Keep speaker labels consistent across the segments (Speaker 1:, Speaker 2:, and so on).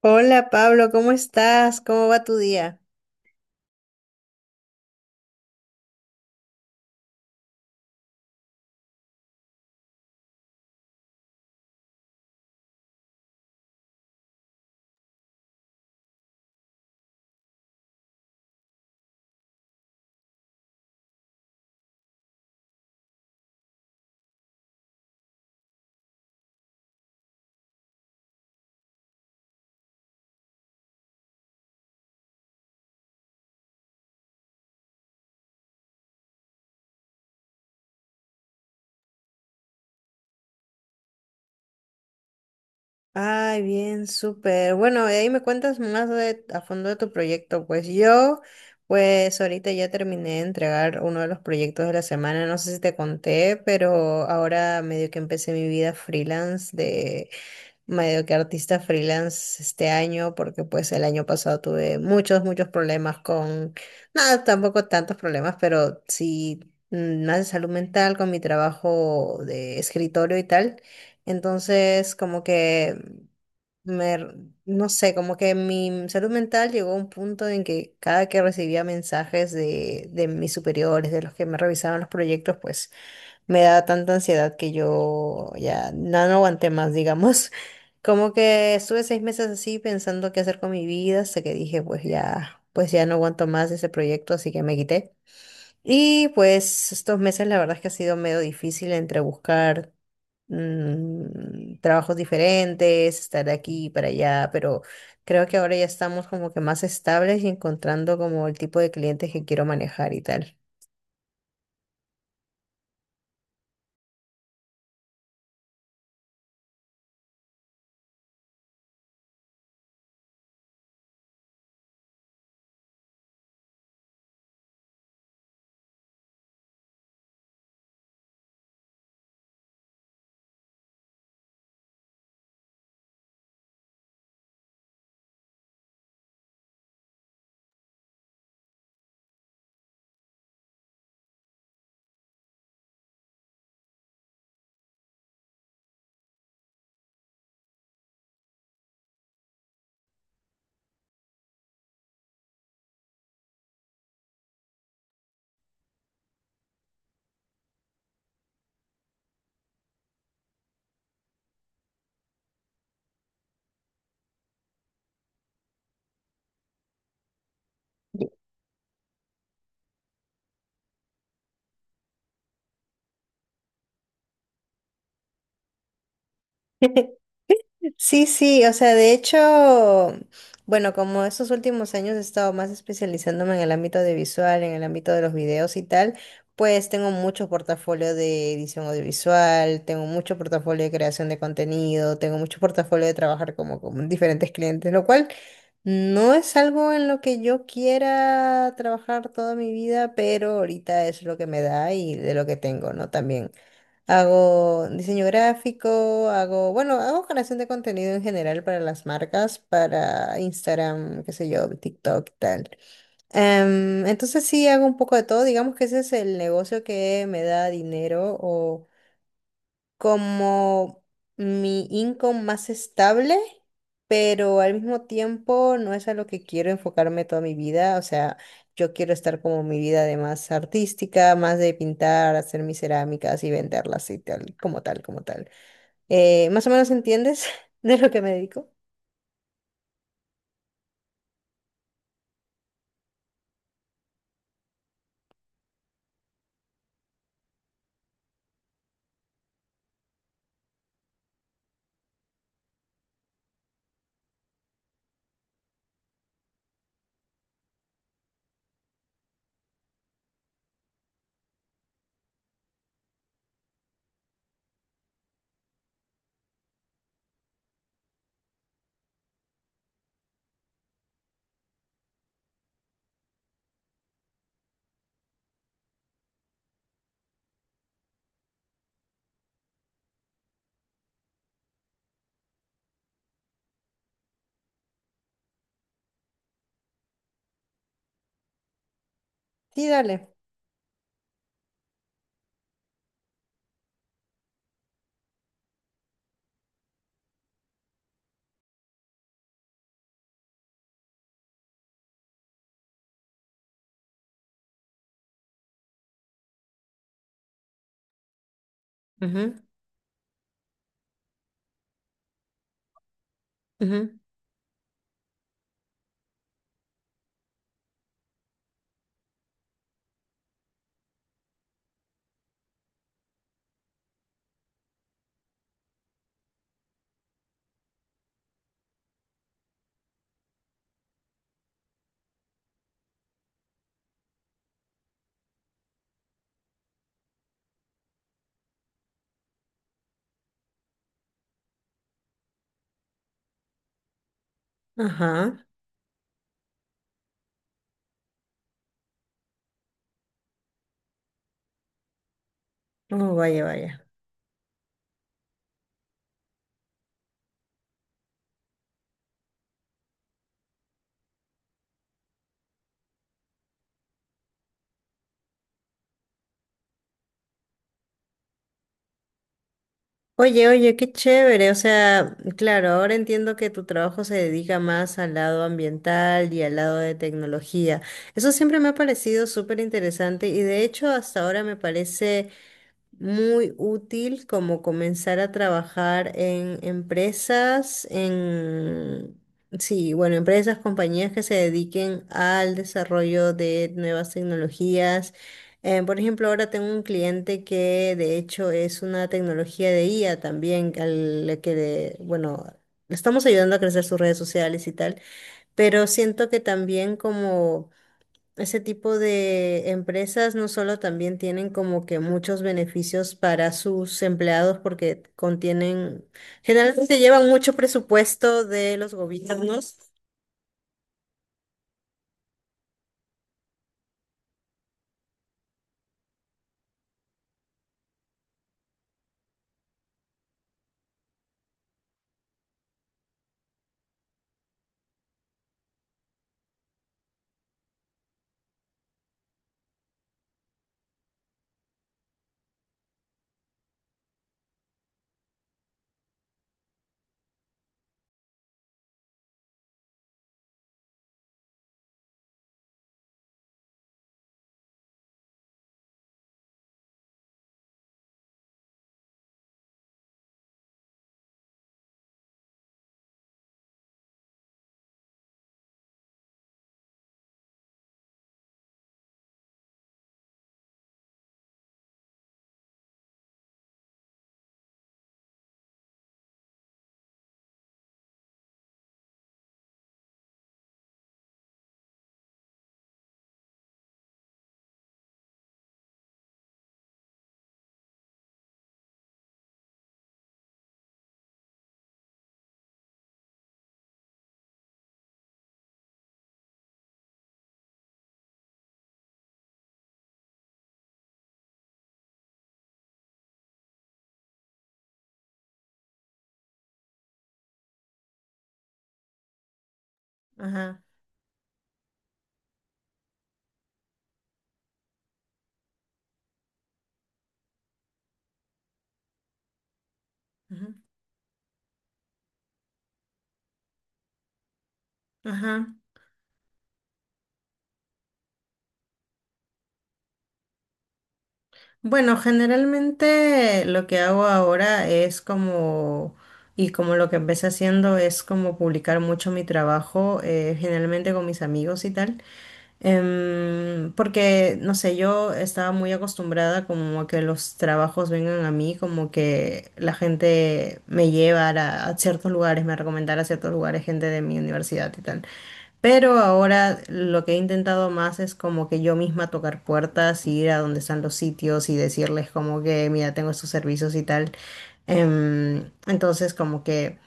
Speaker 1: Hola Pablo, ¿cómo estás? ¿Cómo va tu día? Ay, bien, súper. Bueno, ahí me cuentas más de, a fondo de tu proyecto. Pues yo, pues ahorita ya terminé de entregar uno de los proyectos de la semana. No sé si te conté, pero ahora medio que empecé mi vida freelance medio que artista freelance este año, porque pues el año pasado tuve muchos, muchos problemas con, nada, tampoco tantos problemas, pero sí más de salud mental con mi trabajo de escritorio y tal. Entonces, como que me, r- no sé, como que mi salud mental llegó a un punto en que cada que recibía mensajes de mis superiores, de los que me revisaban los proyectos, pues me da tanta ansiedad que yo ya no aguanté más, digamos. Como que estuve seis meses así pensando qué hacer con mi vida, hasta que dije, pues ya no aguanto más ese proyecto, así que me quité. Y pues estos meses la verdad es que ha sido medio difícil entre buscar trabajos diferentes, estar de aquí y para allá, pero creo que ahora ya estamos como que más estables y encontrando como el tipo de clientes que quiero manejar y tal. Sí, sí, o sea, de hecho, bueno, como estos últimos años he estado más especializándome en el ámbito audiovisual, en el ámbito de los videos y tal, pues tengo mucho portafolio de edición audiovisual, tengo mucho portafolio de creación de contenido, tengo mucho portafolio de trabajar como con diferentes clientes, lo cual no es algo en lo que yo quiera trabajar toda mi vida, pero ahorita es lo que me da y de lo que tengo, ¿no? También. Hago diseño gráfico, hago, bueno, hago generación de contenido en general para las marcas, para Instagram, qué sé yo, TikTok y tal. Entonces sí hago un poco de todo, digamos que ese es el negocio que me da dinero o como mi income más estable, pero al mismo tiempo no es a lo que quiero enfocarme toda mi vida. O sea, yo quiero estar como mi vida de más artística, más de pintar, hacer mis cerámicas y venderlas y tal, como tal, como tal. ¿Más o menos entiendes de lo que me dedico? Sí, dale. Ujú, ujú. Ajá. Oh, vaya, vaya. Oye, oye, qué chévere. O sea, claro, ahora entiendo que tu trabajo se dedica más al lado ambiental y al lado de tecnología. Eso siempre me ha parecido súper interesante y de hecho hasta ahora me parece muy útil como comenzar a trabajar en empresas, sí, bueno, empresas, compañías que se dediquen al desarrollo de nuevas tecnologías. Por ejemplo, ahora tengo un cliente que de hecho es una tecnología de IA también, al que, bueno, le estamos ayudando a crecer sus redes sociales y tal, pero siento que también como... Ese tipo de empresas no solo también tienen como que muchos beneficios para sus empleados porque contienen, generalmente llevan mucho presupuesto de los gobiernos. Ajá, ajá, ajá. Bueno, generalmente lo que hago ahora es como, y como lo que empecé haciendo es como publicar mucho mi trabajo, generalmente con mis amigos y tal. Porque, no sé, yo estaba muy acostumbrada como a que los trabajos vengan a mí, como que la gente me llevara a ciertos lugares, me recomendara a ciertos lugares gente de mi universidad y tal. Pero ahora lo que he intentado más es como que yo misma tocar puertas, ir a donde están los sitios y decirles como que, mira, tengo estos servicios y tal. Entonces, como que...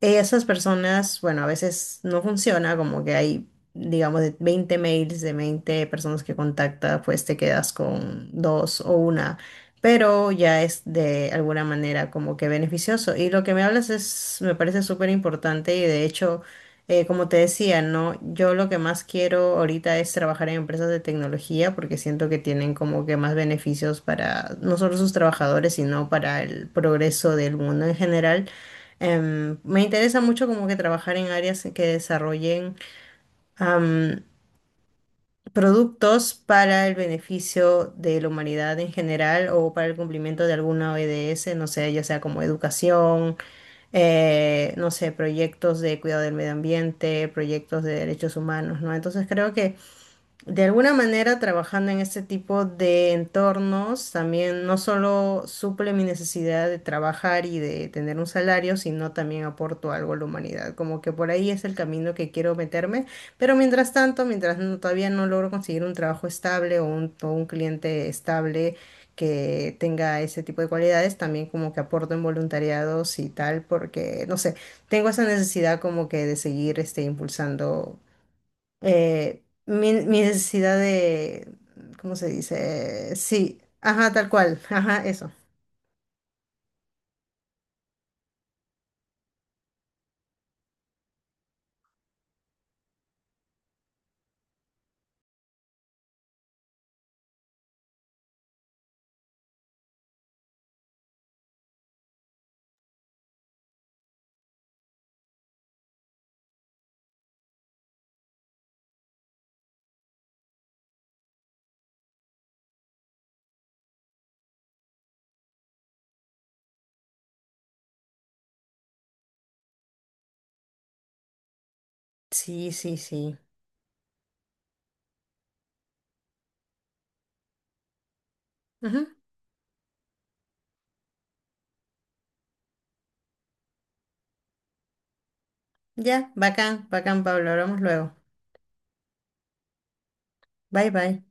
Speaker 1: Esas personas, bueno, a veces no funciona, como que hay, digamos, de 20 mails de 20 personas que contacta, pues te quedas con dos o una, pero ya es de alguna manera como que beneficioso. Y lo que me hablas es, me parece súper importante y de hecho, como te decía, ¿no? Yo lo que más quiero ahorita es trabajar en empresas de tecnología porque siento que tienen como que más beneficios para no solo sus trabajadores, sino para el progreso del mundo en general. Me interesa mucho como que trabajar en áreas en que desarrollen am, productos para el beneficio de la humanidad en general o para el cumplimiento de alguna ODS, no sé, ya sea como educación, no sé, proyectos de cuidado del medio ambiente, proyectos de derechos humanos, ¿no? Entonces creo que de alguna manera, trabajando en este tipo de entornos, también no solo suple mi necesidad de trabajar y de tener un salario, sino también aporto algo a la humanidad. Como que por ahí es el camino que quiero meterme, pero mientras tanto, mientras no- todavía no logro conseguir un trabajo estable o un cliente estable que tenga ese tipo de cualidades, también como que aporto en voluntariados y tal, porque, no sé, tengo esa necesidad como que de seguir este, impulsando mi necesidad de, ¿cómo se dice? Sí, ajá, tal cual, ajá, eso. Sí, sí, sí. Ujú. Ya, bacán, bacán, Pablo, hablamos luego. Bye, bye.